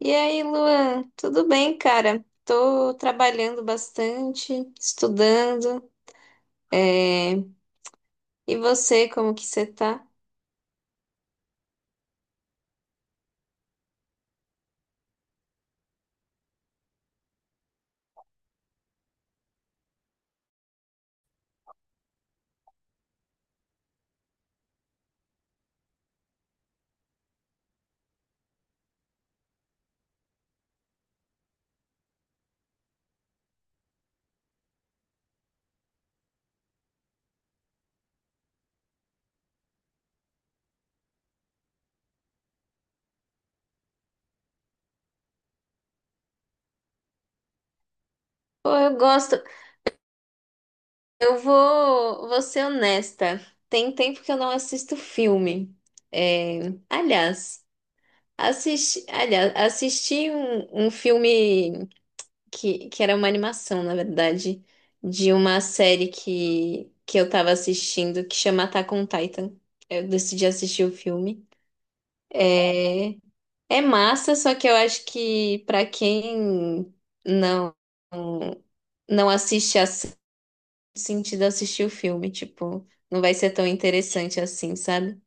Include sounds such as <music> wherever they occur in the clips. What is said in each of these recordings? E aí, Luan, tudo bem, cara? Tô trabalhando bastante, estudando. é, E você, como que você tá? Pô, eu gosto. Eu vou ser honesta. Tem tempo que eu não assisto filme. É, Aliás, assisti um filme que era uma animação, na verdade, de uma série que eu tava assistindo que chama Attack on Titan. Eu decidi assistir o filme. É, é massa, só que eu acho que pra quem não não assiste a sentido assistir o filme, tipo, não vai ser tão interessante assim, sabe?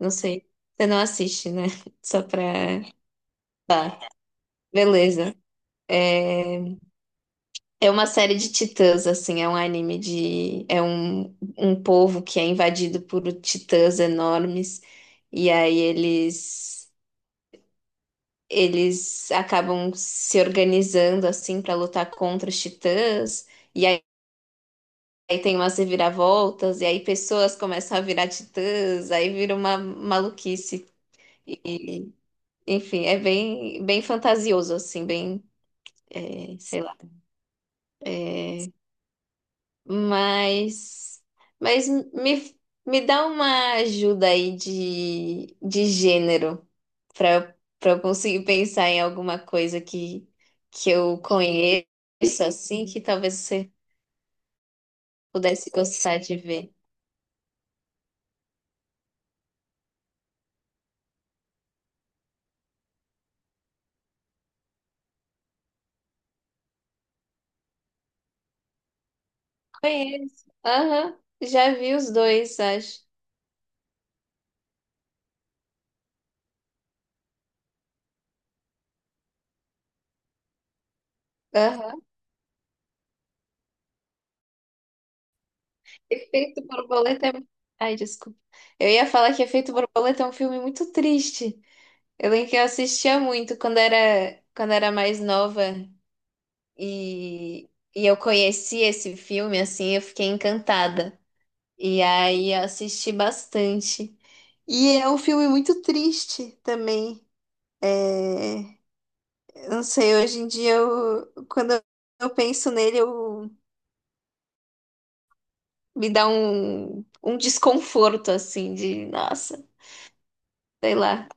Não sei. Você não assiste, né? <laughs> Só pra. Tá, beleza. É, é uma série de titãs, assim, é um anime de. É um povo que é invadido por titãs enormes, e aí eles. Eles acabam se organizando assim para lutar contra os titãs, e aí, aí tem umas reviravoltas, e aí pessoas começam a virar titãs, aí vira uma maluquice. E, enfim, é bem, bem fantasioso, assim, bem, sei lá. Mas, mas me, me dá uma ajuda aí de gênero para eu, para eu conseguir pensar em alguma coisa que eu conheço assim, que talvez você pudesse gostar de ver. Conheço. Aham, já vi os dois, acho. Aham. Efeito Borboleta é... Ai, desculpa. Eu ia falar que Efeito Borboleta é um filme muito triste. Eu lembro que eu assistia muito quando era mais nova. E, e eu conheci esse filme, assim, eu fiquei encantada. E aí eu assisti bastante. E é um filme muito triste também. É, eu não sei, hoje em dia, eu, quando eu penso nele, eu, me dá um desconforto, assim, de, nossa, sei lá.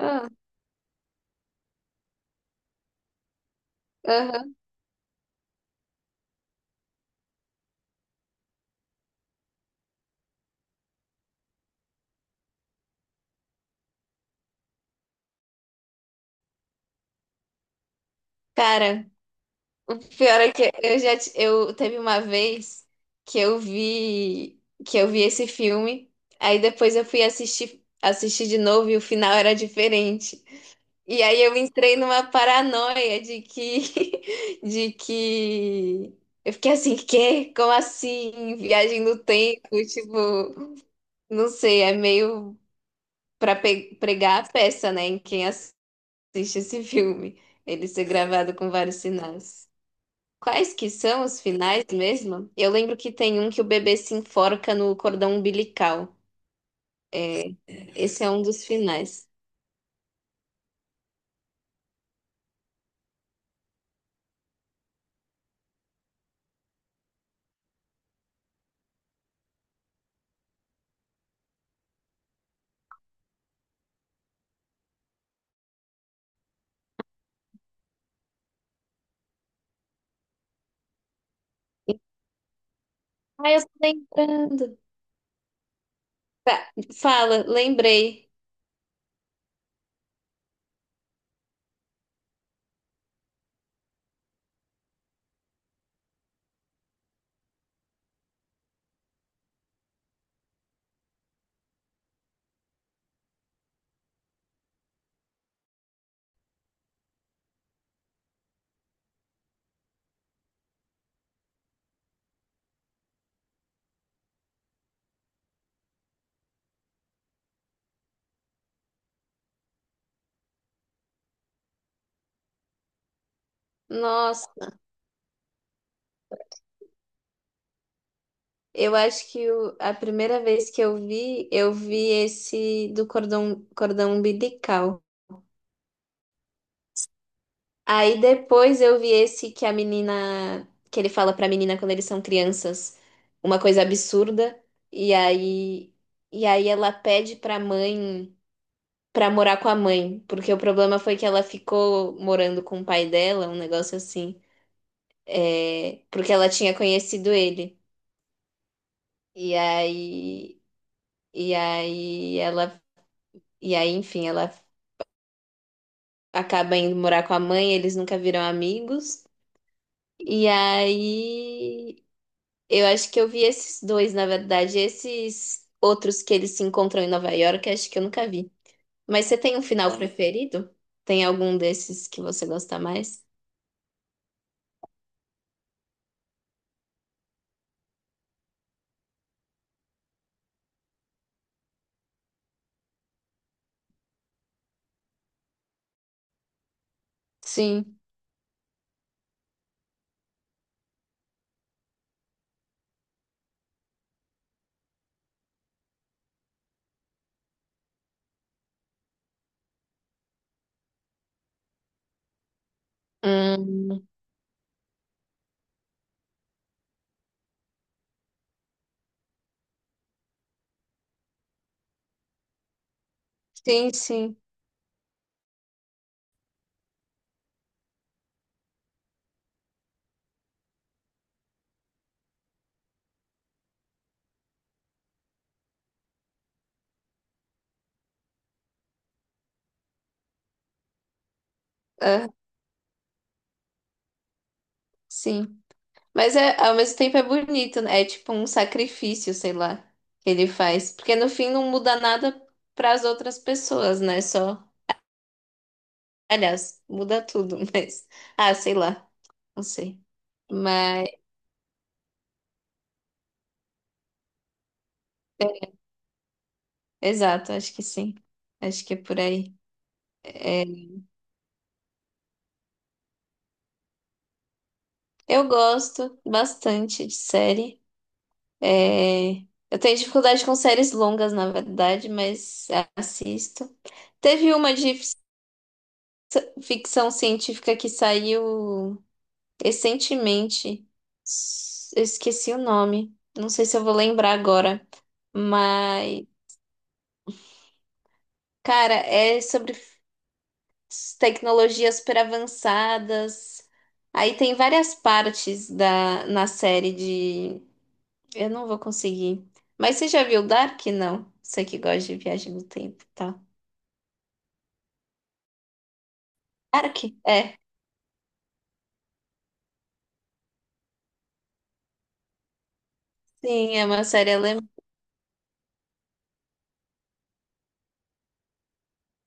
Ah, aham. Cara. O pior é que eu teve uma vez que eu vi esse filme, aí depois eu fui assistir de novo e o final era diferente. E aí eu entrei numa paranoia de que <laughs> de que eu fiquei assim, quê? Como assim? Viagem no tempo, tipo, não sei, é meio para pregar a peça, né, em quem assiste esse filme, ele ser gravado com vários sinais. Quais que são os finais mesmo? Eu lembro que tem um que o bebê se enforca no cordão umbilical. Esse é um dos finais. Ah, eu tô lembrando. Tá, fala, lembrei. Nossa, eu acho que a primeira vez que eu vi esse do cordão umbilical. Aí depois eu vi esse que a menina, que ele fala pra menina quando eles são crianças, uma coisa absurda. E aí, e aí ela pede pra mãe. Pra morar com a mãe, porque o problema foi que ela ficou morando com o pai dela, um negócio assim, é, porque ela tinha conhecido ele. E aí, e aí ela, e aí, enfim, ela acaba indo morar com a mãe, eles nunca viram amigos. E aí, eu acho que eu vi esses dois, na verdade, esses outros que eles se encontram em Nova York, acho que eu nunca vi. Mas você tem um final Ah, preferido? Tem algum desses que você gosta mais? Sim. Hum. Sim, sim. Ah, sim. Mas é, ao mesmo tempo é bonito, né? É tipo um sacrifício, sei lá, que ele faz. Porque no fim não muda nada para as outras pessoas, né? Só. Aliás, muda tudo, <laughs> mas. Ah, sei lá. Não sei. Mas. Exato, acho que sim. Acho que é por aí. Eu gosto bastante de série. É... Eu tenho dificuldade com séries longas, na verdade, mas assisto. Teve uma de ficção científica que saiu recentemente. Eu esqueci o nome. Não sei se eu vou lembrar agora. Mas, cara, é sobre tecnologias super avançadas. Aí tem várias partes da, na série de. Eu não vou conseguir. Mas você já viu Dark? Não. Você que gosta de viagem no tempo, tá? Dark? É. Sim, é uma série alemã.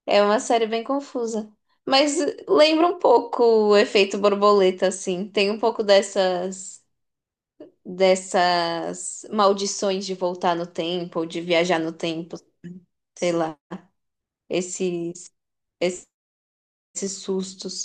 É uma série bem confusa. Mas lembra um pouco o efeito borboleta, assim. Tem um pouco dessas, dessas maldições de voltar no tempo, ou de viajar no tempo, sei lá. Esses, esses sustos.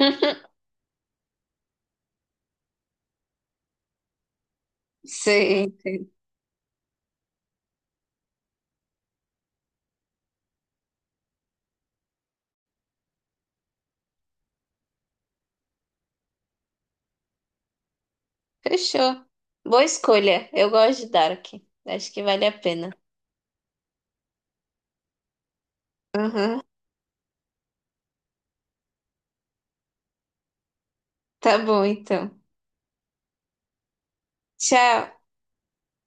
<laughs> Sim. Fechou. Boa escolha. Eu gosto de Dark. Acho que vale a pena. Uhum. Tá bom, então. Tchau.